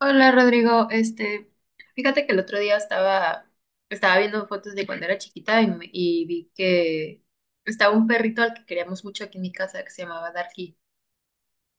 Hola Rodrigo, este, fíjate que el otro día estaba viendo fotos de cuando era chiquita y, y vi que estaba un perrito al que queríamos mucho aquí en mi casa que se llamaba Darky.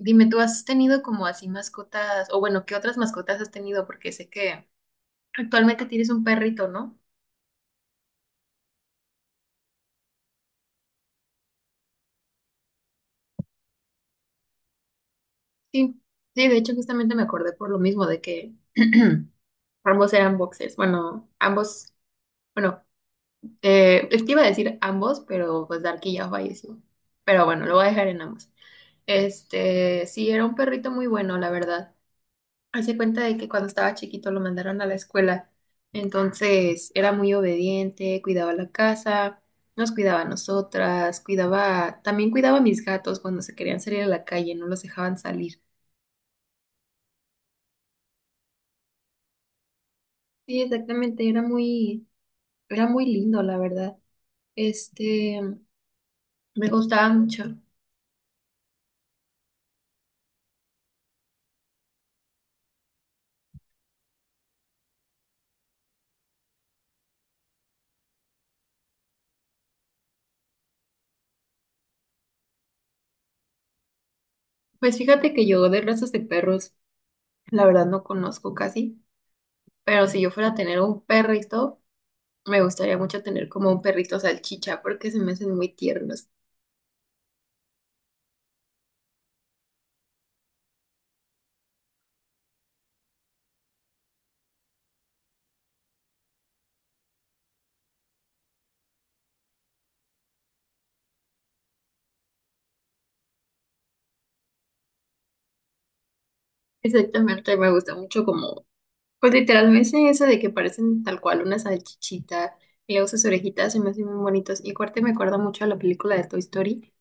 Dime, ¿tú has tenido como así mascotas, o bueno, qué otras mascotas has tenido? Porque sé que actualmente tienes un perrito, ¿no? Sí, sí, de hecho justamente me acordé por lo mismo de que ambos eran boxers, bueno, ambos, bueno, te iba a decir ambos, pero pues Darky ya falleció. Pero bueno, lo voy a dejar en ambos. Este, sí, era un perrito muy bueno, la verdad. Hace cuenta de que cuando estaba chiquito lo mandaron a la escuela. Entonces, era muy obediente, cuidaba la casa, nos cuidaba a nosotras, cuidaba, también cuidaba a mis gatos cuando se querían salir a la calle, no los dejaban salir. Sí, exactamente, era muy lindo, la verdad. Este, me gustaba mucho. Pues fíjate que yo de razas de perros, la verdad no conozco casi, pero si yo fuera a tener un perrito, me gustaría mucho tener como un perrito salchicha porque se me hacen muy tiernos. Exactamente, me gusta mucho como, pues literalmente eso de que parecen tal cual una salchichita y luego sus orejitas se me hacen muy bonitos. Y aparte me acuerda mucho a la película de Toy Story.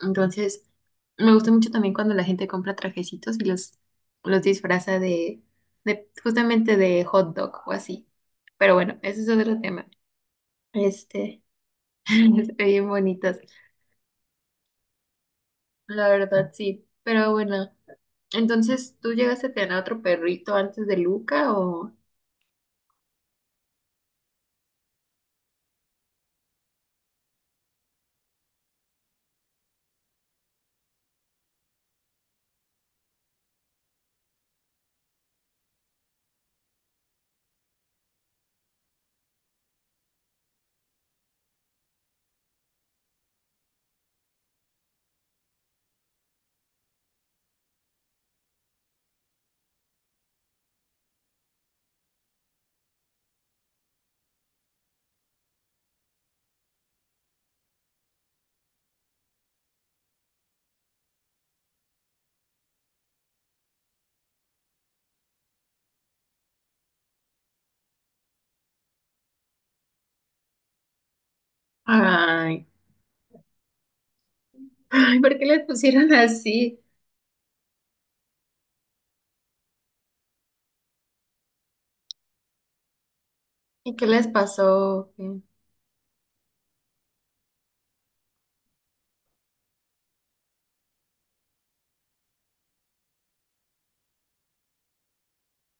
Entonces, me gusta mucho también cuando la gente compra trajecitos y los disfraza de justamente de hot dog o así. Pero bueno, ese es otro tema. Este, se ven bonitos, la verdad sí. Pero bueno. Entonces, ¿tú llegaste a tener otro perrito antes de Luca o...? Ay, ay, ¿por qué les pusieron así? ¿Y qué les pasó?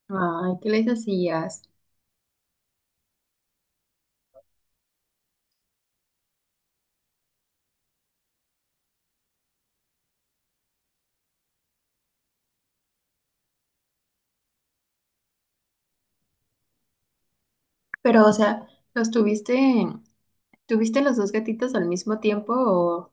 Ay, ¿qué les hacías? Pero, o sea, ¿los tuviste, tuviste los dos gatitos al mismo tiempo o...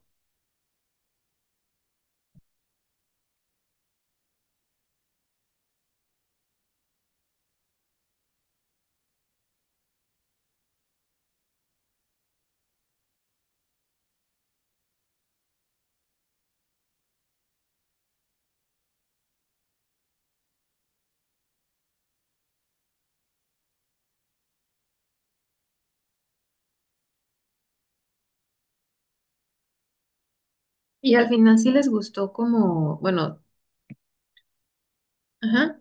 Y al final sí les gustó como, bueno, ajá.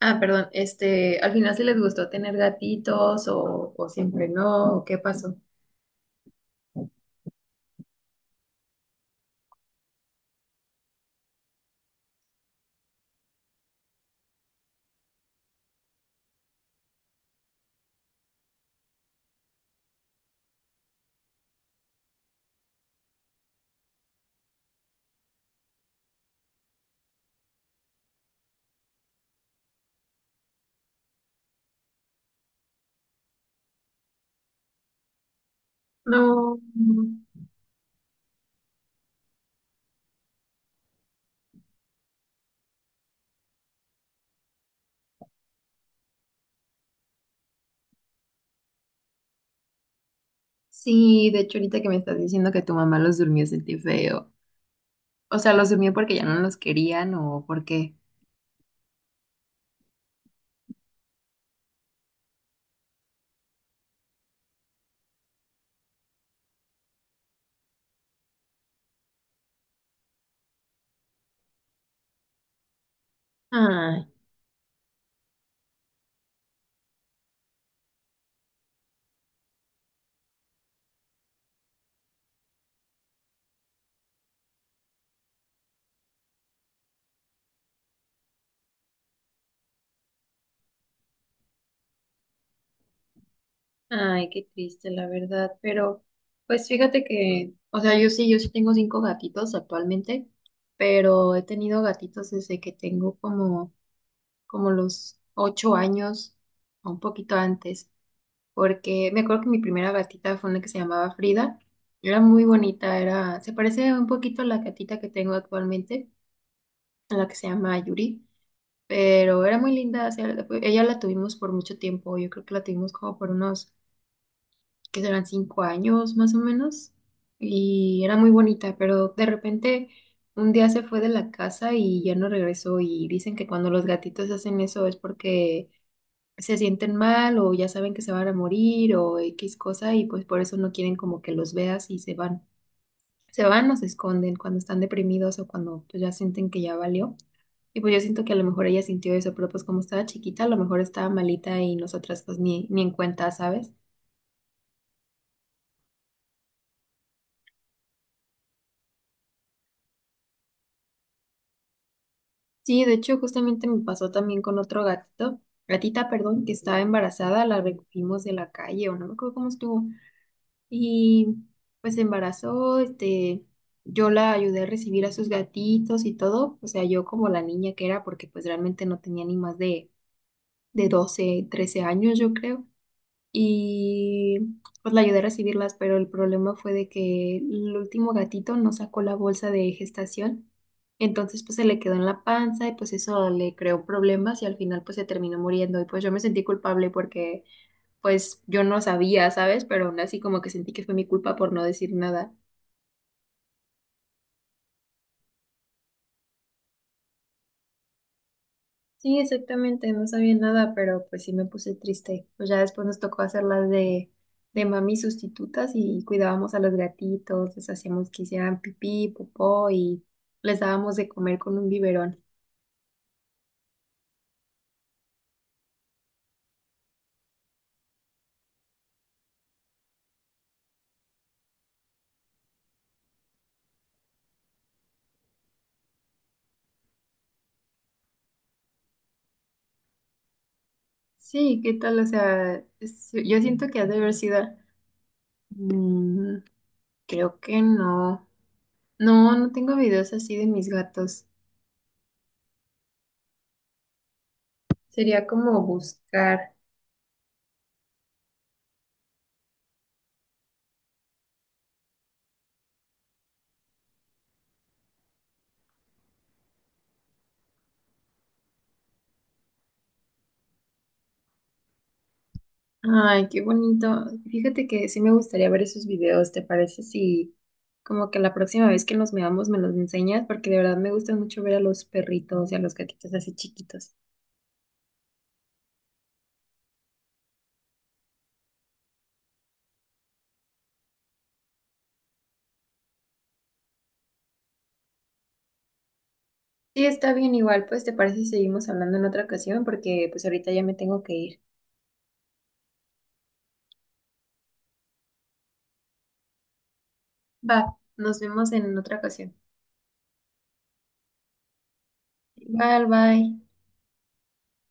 Ah, perdón, este, al final sí les gustó tener gatitos o siempre no, ¿o ¿qué pasó? No, sí, de hecho ahorita que me estás diciendo que tu mamá los durmió sentí feo. O sea, los durmió porque ya no los querían o porque... Ay, ay, qué triste, la verdad. Pero, pues fíjate que, o sea, yo sí tengo cinco gatitos actualmente, pero he tenido gatitos desde que tengo como, los 8 años, o un poquito antes, porque me acuerdo que mi primera gatita fue una que se llamaba Frida. Era muy bonita, era, se parece un poquito a la gatita que tengo actualmente, a la que se llama Yuri. Pero era muy linda. O sea, ella la tuvimos por mucho tiempo, yo creo que la tuvimos como por unos, que serán 5 años más o menos, y era muy bonita, pero de repente un día se fue de la casa y ya no regresó y dicen que cuando los gatitos hacen eso es porque se sienten mal o ya saben que se van a morir o X cosa y pues por eso no quieren como que los veas y se van. Se van o se esconden cuando están deprimidos o cuando pues, ya sienten que ya valió. Y pues yo siento que a lo mejor ella sintió eso, pero pues como estaba chiquita, a lo mejor estaba malita y nosotras pues ni en cuenta, ¿sabes? Sí, de hecho justamente me pasó también con otro gatita, perdón, que estaba embarazada, la recogimos de la calle o no me acuerdo cómo estuvo. Y pues se embarazó, este, yo la ayudé a recibir a sus gatitos y todo, o sea, yo como la niña que era, porque pues realmente no tenía ni más de, 12 13 años, yo creo. Y pues la ayudé a recibirlas, pero el problema fue de que el último gatito no sacó la bolsa de gestación, entonces pues se le quedó en la panza y pues eso le creó problemas y al final pues se terminó muriendo y pues yo me sentí culpable porque pues yo no sabía, ¿sabes? Pero aún así como que sentí que fue mi culpa por no decir nada. Sí, exactamente, no sabía nada, pero pues sí me puse triste. Pues ya después nos tocó hacerlas de mami sustitutas y cuidábamos a los gatitos, les hacíamos que hicieran pipí, popó y les dábamos de comer con un biberón. Sí, ¿qué tal? O sea, yo siento que ha de haber sido... Mm, creo que no. No, no tengo videos así de mis gatos. Sería como buscar. Ay, qué bonito. Fíjate que sí me gustaría ver esos videos, ¿te parece? Si como que la próxima vez que nos veamos me los enseñas, porque de verdad me gusta mucho ver a los perritos y a los gatitos así chiquitos. Sí, está bien igual, pues ¿te parece si seguimos hablando en otra ocasión? Porque pues ahorita ya me tengo que ir. Va, nos vemos en otra ocasión. Bye, bye.